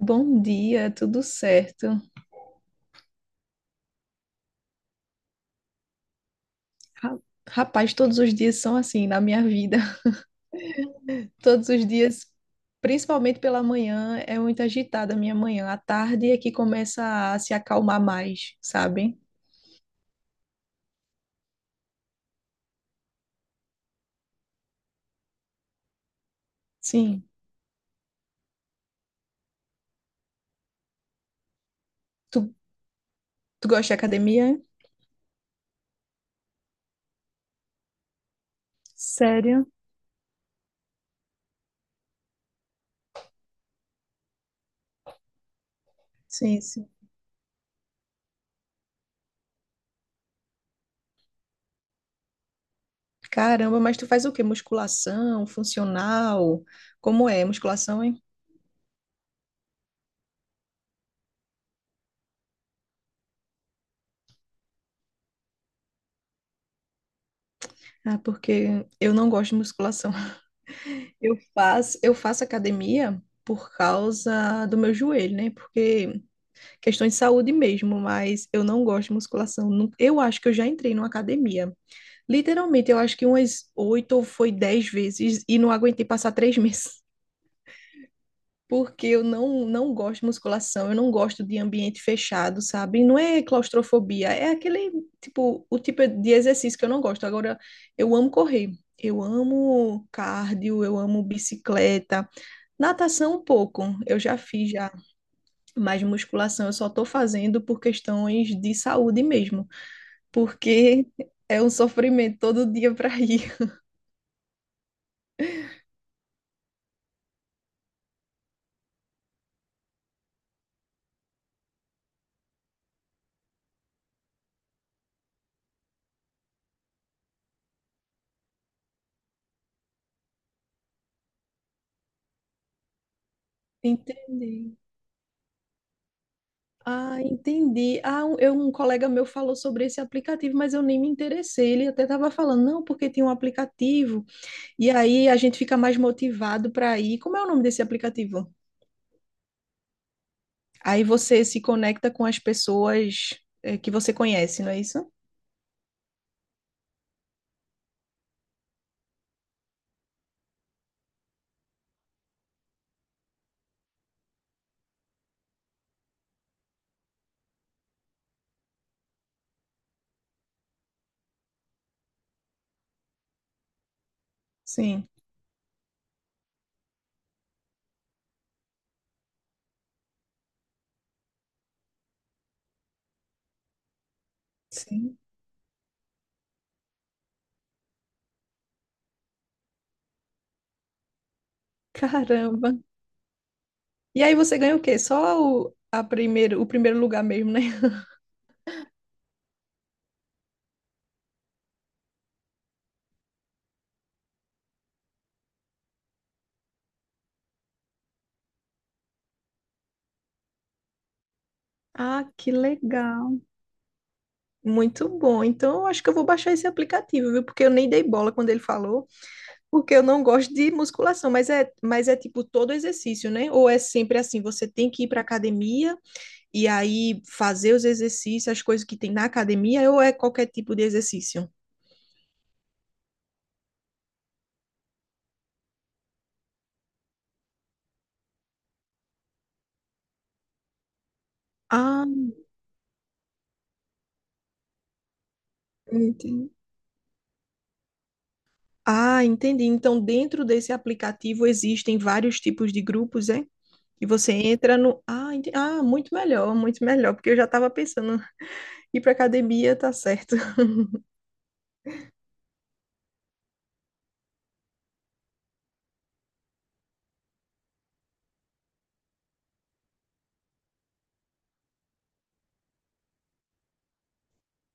Bom dia, tudo certo? Ra- Rapaz, todos os dias são assim na minha vida. Todos os dias, principalmente pela manhã, é muito agitada a minha manhã. À tarde é que começa a se acalmar mais, sabe? Sim. Tu, tu gosta de academia? É? Sério? Sim, sim. Caramba, mas tu faz o quê? Musculação, funcional? Como é? Musculação, hein? Ah, porque eu não gosto de musculação. Eu faço academia por causa do meu joelho, né? Porque questões de saúde mesmo, mas eu não gosto de musculação. Eu acho que eu já entrei numa academia. Literalmente, eu acho que umas oito ou foi 10 vezes e não aguentei passar três meses. Porque eu não gosto de musculação, eu não gosto de ambiente fechado, sabe? Não é claustrofobia, é aquele tipo, o tipo de exercício que eu não gosto. Agora, eu amo correr, eu amo cardio, eu amo bicicleta, natação um pouco, eu já fiz já, mas musculação eu só tô fazendo por questões de saúde mesmo, porque é um sofrimento todo dia para ir. Entendi. Ah, entendi. Ah, um colega meu falou sobre esse aplicativo, mas eu nem me interessei. Ele até estava falando, não, porque tem um aplicativo, e aí a gente fica mais motivado para ir. Como é o nome desse aplicativo? Aí você se conecta com as pessoas, que você conhece, não é isso? Sim, sim. Caramba. E aí você ganha o quê? Só o, a primeiro, O primeiro lugar mesmo, né? Ah, que legal. Muito bom. Então, eu acho que eu vou baixar esse aplicativo, viu? Porque eu nem dei bola quando ele falou, porque eu não gosto de musculação, mas é, tipo todo exercício, né? Ou é sempre assim, você tem que ir para academia e aí fazer os exercícios, as coisas que tem na academia, ou é qualquer tipo de exercício? Ah, entendi. Ah, entendi. Então, dentro desse aplicativo existem vários tipos de grupos, é? E você entra no. Muito melhor, muito melhor, porque eu já estava pensando, ir para academia tá certo.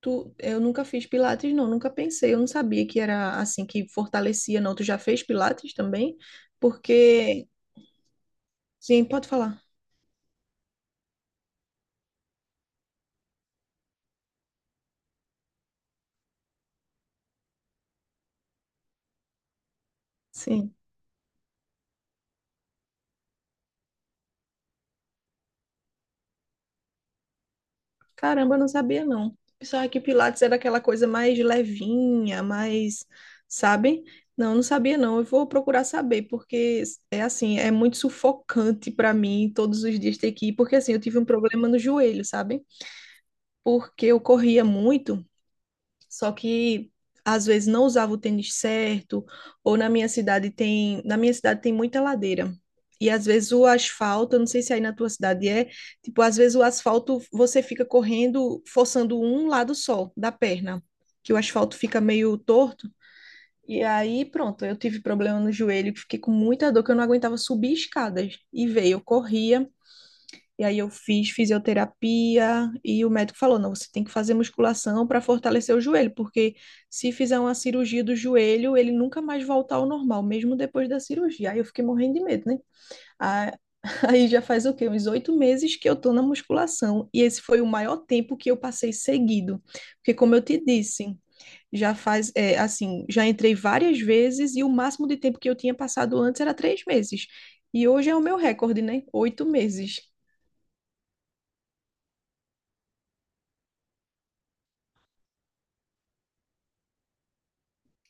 Eu nunca fiz pilates, não, nunca pensei. Eu não sabia que era assim, que fortalecia, não. Tu já fez pilates também? Porque. Sim, pode falar. Sim. Caramba, eu não sabia não. Pensava que Pilates era aquela coisa mais levinha, mais, sabe? Não, não sabia não. Eu vou procurar saber, porque é assim, é muito sufocante para mim todos os dias ter que ir, porque assim, eu tive um problema no joelho, sabe? Porque eu corria muito, só que às vezes não usava o tênis certo, ou na minha cidade tem muita ladeira. E às vezes o asfalto, eu não sei se aí na tua cidade é, tipo, às vezes o asfalto você fica correndo, forçando um lado só da perna, que o asfalto fica meio torto. E aí, pronto, eu tive problema no joelho, que fiquei com muita dor, que eu não aguentava subir escadas. E veio, eu corria, e aí eu fiz fisioterapia e o médico falou: não, você tem que fazer musculação para fortalecer o joelho, porque se fizer uma cirurgia do joelho, ele nunca mais volta ao normal, mesmo depois da cirurgia. Aí eu fiquei morrendo de medo, né? Ah. Aí já faz o quê? Uns 8 meses que eu tô na musculação. E esse foi o maior tempo que eu passei seguido. Porque, como eu te disse, já faz, é, assim, já entrei várias vezes e o máximo de tempo que eu tinha passado antes era 3 meses. E hoje é o meu recorde, né? 8 meses.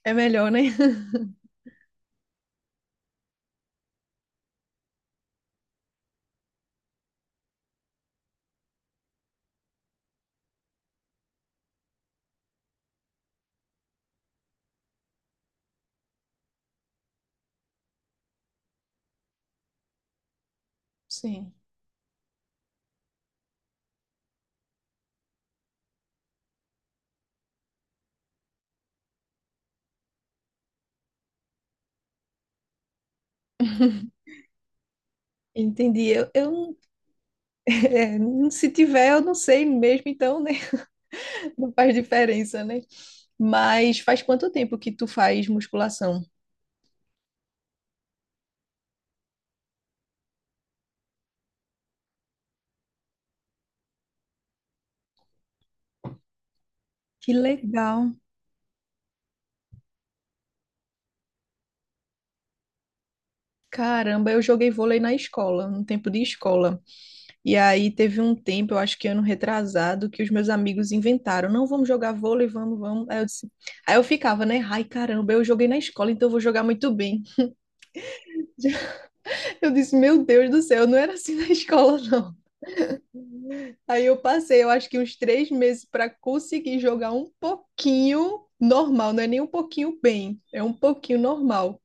É melhor, né? Sim. Entendi. Eu não-. É, não- se tiver, eu não sei mesmo, então, né? Não faz diferença, né? Mas faz quanto tempo que tu faz musculação? Que legal. Caramba, eu joguei vôlei na escola, no tempo de escola. E aí teve um tempo, eu acho que ano retrasado, que os meus amigos inventaram, não, vamos jogar vôlei, vamos, vamos. Aí eu disse, aí eu ficava, né? Ai, caramba, eu joguei na escola, então eu vou jogar muito bem. Eu disse, meu Deus do céu, não era assim na escola. Aí eu passei, eu acho que uns 3 meses para conseguir jogar um pouquinho normal, não é nem um pouquinho bem, é um pouquinho normal.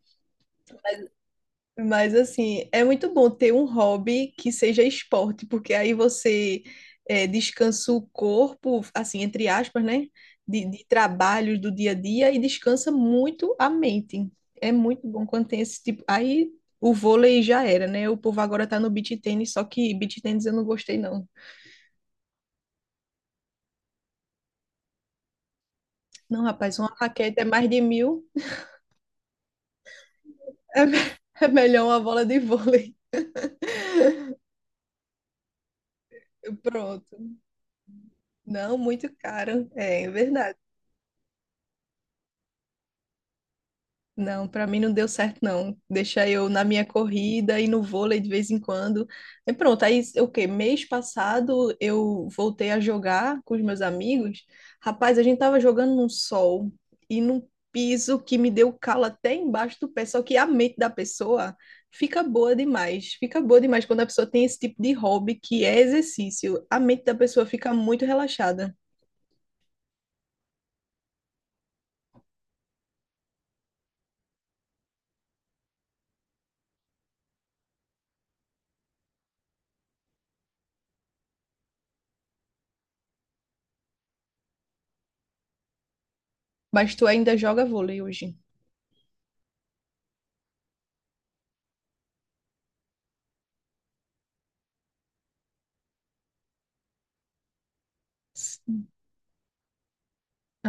Mas assim, é muito bom ter um hobby que seja esporte, porque aí você, descansa o corpo, assim, entre aspas, né? De trabalhos do dia a dia e descansa muito a mente. É muito bom quando tem esse tipo. Aí o vôlei já era, né? O povo agora tá no beach tennis, só que beach tennis eu não gostei, não. Não, rapaz, uma raquete é mais de mil. É me- é melhor uma bola de vôlei. Pronto. Não, muito caro. É verdade. Não, pra mim não deu certo, não. Deixar eu na minha corrida e no vôlei de vez em quando. E pronto, aí o quê? Mês passado eu voltei a jogar com os meus amigos. Rapaz, a gente tava jogando num sol e num piso que me deu calo até embaixo do pé. Só que a mente da pessoa fica boa demais. Fica boa demais quando a pessoa tem esse tipo de hobby que é exercício. A mente da pessoa fica muito relaxada. Mas tu ainda joga vôlei hoje? Sim.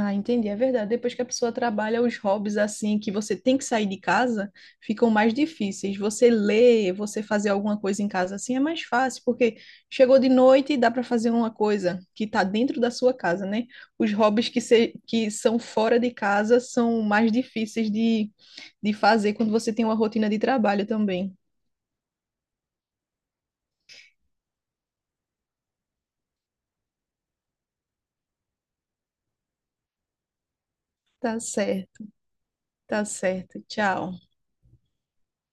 Ah, entendi, é verdade. Depois que a pessoa trabalha os hobbies assim, que você tem que sair de casa, ficam mais difíceis. Você ler, você fazer alguma coisa em casa assim é mais fácil, porque chegou de noite e dá para fazer uma coisa que está dentro da sua casa, né? Os hobbies que, se, que são fora de casa são mais difíceis de fazer quando você tem uma rotina de trabalho também. Tá certo, tá certo. Tchau.